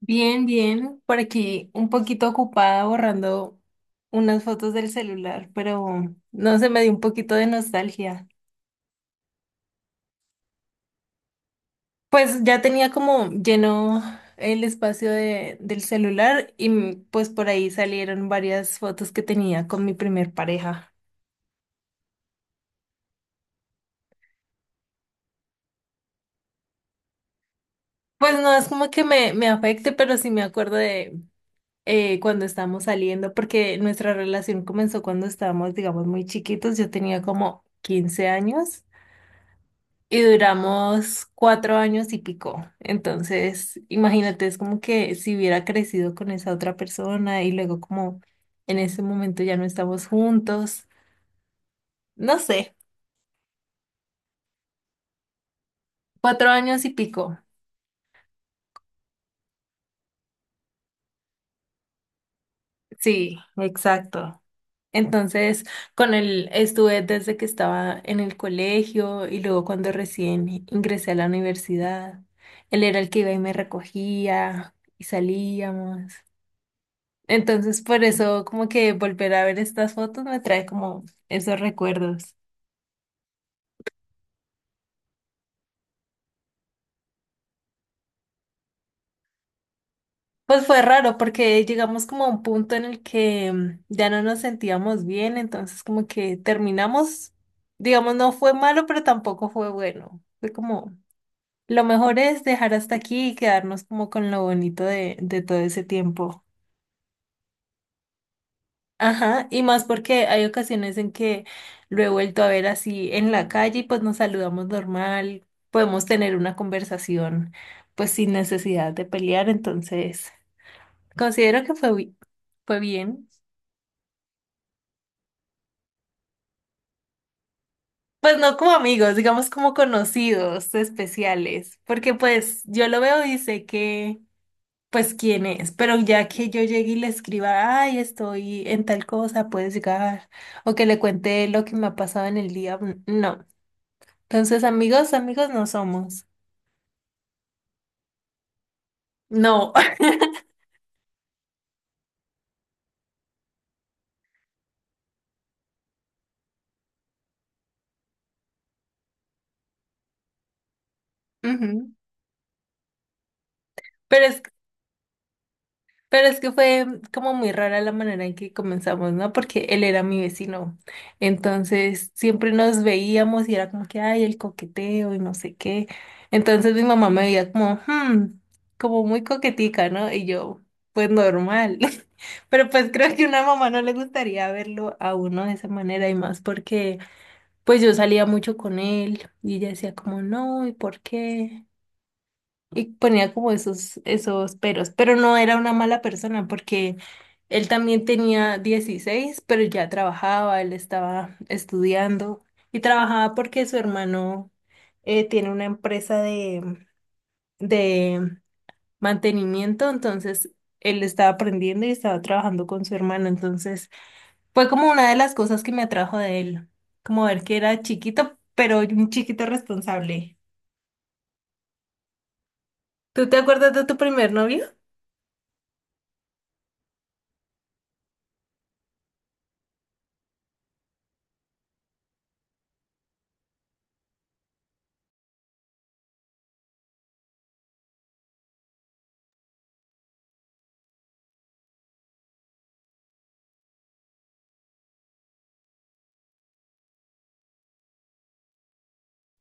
Bien, bien, por aquí un poquito ocupada borrando unas fotos del celular, pero no se me dio un poquito de nostalgia. Pues ya tenía como lleno el espacio del celular y pues por ahí salieron varias fotos que tenía con mi primer pareja. Pues no es como que me afecte, pero sí me acuerdo de cuando estábamos saliendo, porque nuestra relación comenzó cuando estábamos, digamos, muy chiquitos. Yo tenía como 15 años y duramos 4 años y pico. Entonces, imagínate, es como que si hubiera crecido con esa otra persona y luego como en ese momento ya no estamos juntos. No sé, 4 años y pico. Sí, exacto. Entonces, con él estuve desde que estaba en el colegio y luego cuando recién ingresé a la universidad. Él era el que iba y me recogía y salíamos. Entonces, por eso, como que volver a ver estas fotos me trae como esos recuerdos. Pues fue raro porque llegamos como a un punto en el que ya no nos sentíamos bien, entonces como que terminamos, digamos, no fue malo, pero tampoco fue bueno. Fue como, lo mejor es dejar hasta aquí y quedarnos como con lo bonito de todo ese tiempo. Ajá, y más porque hay ocasiones en que lo he vuelto a ver así en la calle y pues nos saludamos normal, podemos tener una conversación pues sin necesidad de pelear, entonces considero que fue, fue bien. Pues no como amigos, digamos como conocidos especiales, porque pues yo lo veo y sé que pues quién es, pero ya que yo llegue y le escriba, ay, estoy en tal cosa, puedes llegar, o que le cuente lo que me ha pasado en el día, no. Entonces, amigos, amigos no somos. No. Ujú. Pero es, pero es que fue como muy rara la manera en que comenzamos, ¿no? Porque él era mi vecino. Entonces, siempre nos veíamos y era como que, ay, el coqueteo y no sé qué. Entonces, mi mamá me veía como, como muy coquetica, ¿no? Y yo, pues normal. Pero pues creo que a una mamá no le gustaría verlo a uno de esa manera y más porque, pues yo salía mucho con él y ella decía como, no, ¿y por qué? Y ponía como esos, esos peros, pero no era una mala persona porque él también tenía 16 pero ya trabajaba, él estaba estudiando y trabajaba porque su hermano tiene una empresa de mantenimiento, entonces él estaba aprendiendo y estaba trabajando con su hermano, entonces fue como una de las cosas que me atrajo de él, como ver que era chiquito, pero un chiquito responsable. ¿Tú te acuerdas de tu primer novio?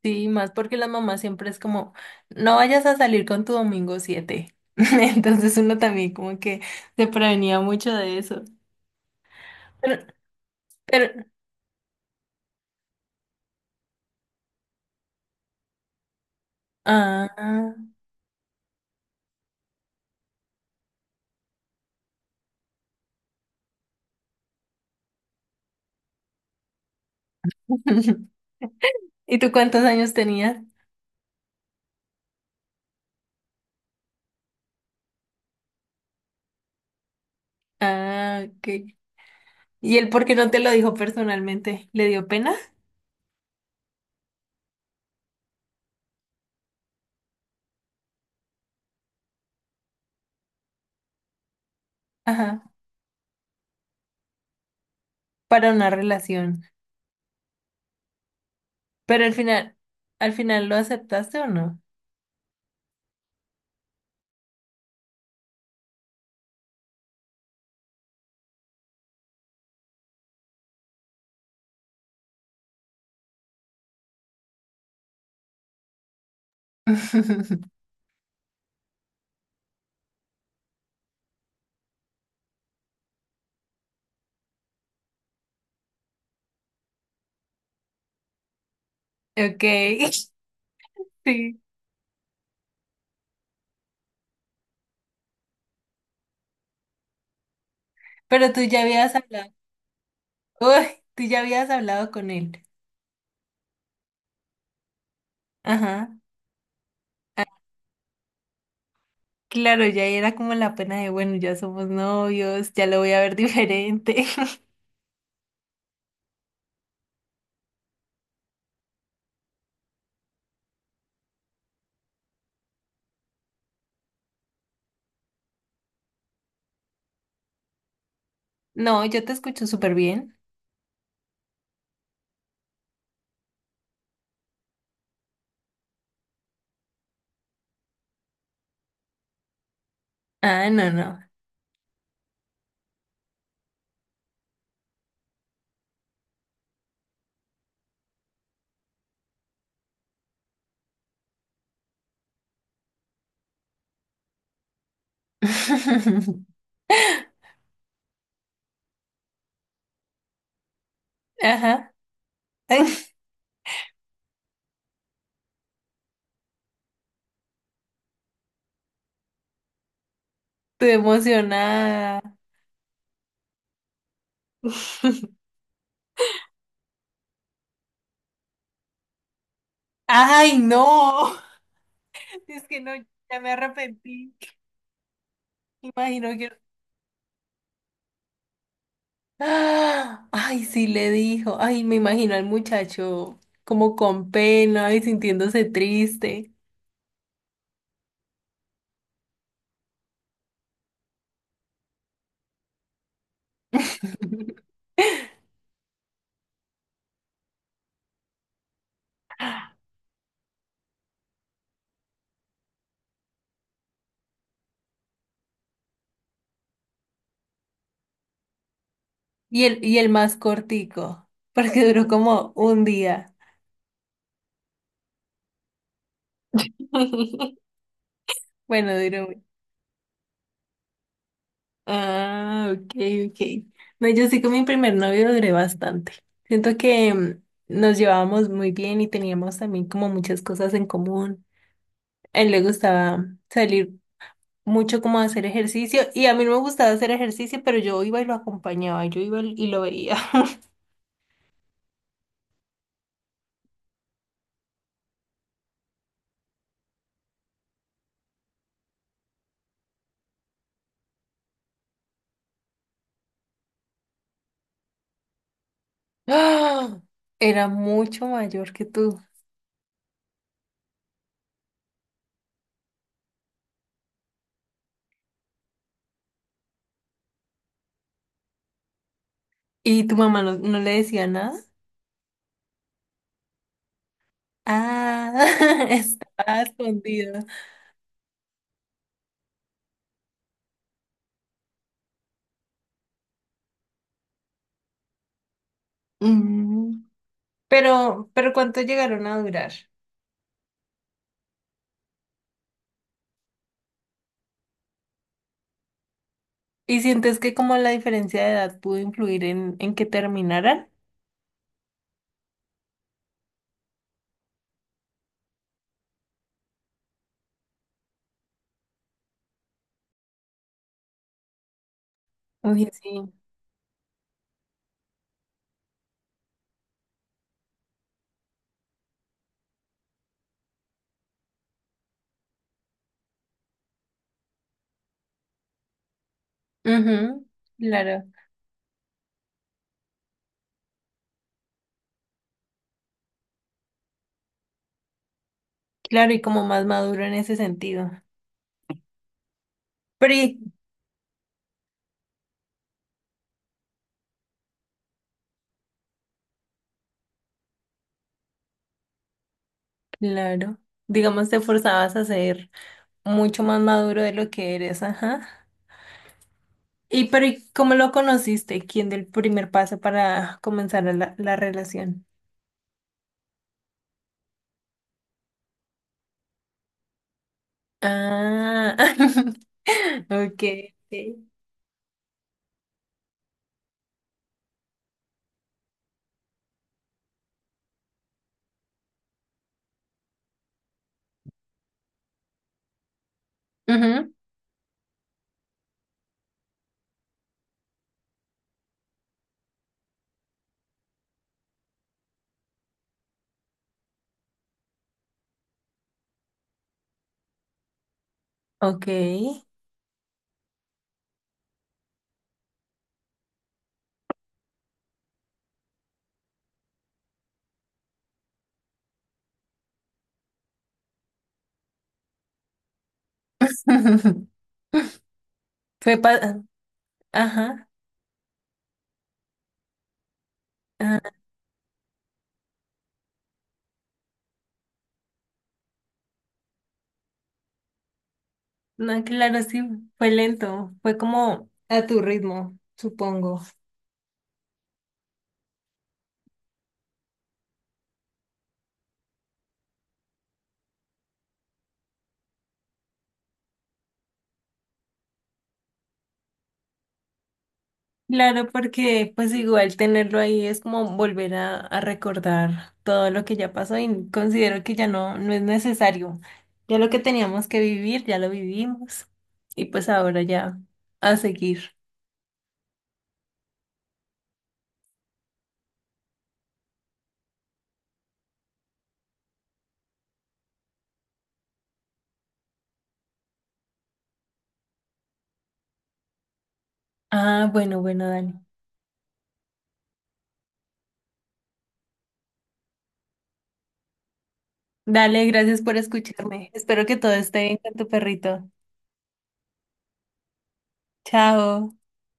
Sí, más porque las mamás siempre es como, no vayas a salir con tu domingo siete. Entonces uno también como que se prevenía mucho de eso. Pero, pero, ah. ¿Y tú cuántos años tenías? Ah, ok. ¿Y él por qué no te lo dijo personalmente? ¿Le dio pena? Ajá, para una relación. Pero ¿al final lo aceptaste o no? Ok, sí. Pero tú ya habías hablado, uy, tú ya habías hablado con él. Ajá. Ah, claro, ya era como la pena de, bueno, ya somos novios, ya lo voy a ver diferente. No, yo te escucho súper bien. Ah, no, no. Ajá. Ay, estoy emocionada. Ay, no. Es que no, ya me arrepentí. Imagino que... ¡Ah! Ay, sí le dijo. Ay, me imagino al muchacho como con pena y sintiéndose triste. Y el más cortico, porque duró como un día. Bueno, duró. Ah, ok, ok. No, yo sí con mi primer novio duré bastante. Siento que nos llevábamos muy bien y teníamos también como muchas cosas en común. A él le gustaba salir mucho como a hacer ejercicio y a mí no me gustaba hacer ejercicio, pero yo iba y lo acompañaba, yo iba y lo veía. ¡Ah! Era mucho mayor que tú. ¿Y tu mamá no, no le decía nada? Ah, estaba escondido. Mm. Pero, ¿cuánto llegaron a durar? ¿Y sientes que como la diferencia de edad pudo influir en que terminaran? Uy, sí. Ujú. Claro, claro, y como más maduro en ese sentido. Pero, claro, digamos te forzabas a ser mucho más maduro de lo que eres, ajá. Y pero ¿cómo lo conociste? ¿Quién del primer paso para comenzar la relación? Ah, okay, okay. Ujú. Okay. Fue pa- ajá, ajá. No, claro, sí, fue lento, fue como a tu ritmo, supongo. Claro, porque pues igual tenerlo ahí es como volver a recordar todo lo que ya pasó y considero que ya no es necesario. Ya lo que teníamos que vivir, ya lo vivimos. Y pues ahora ya a seguir. Ah, bueno, bueno, Dani. Dale, gracias por escucharme. Espero que todo esté bien con tu perrito. Chao.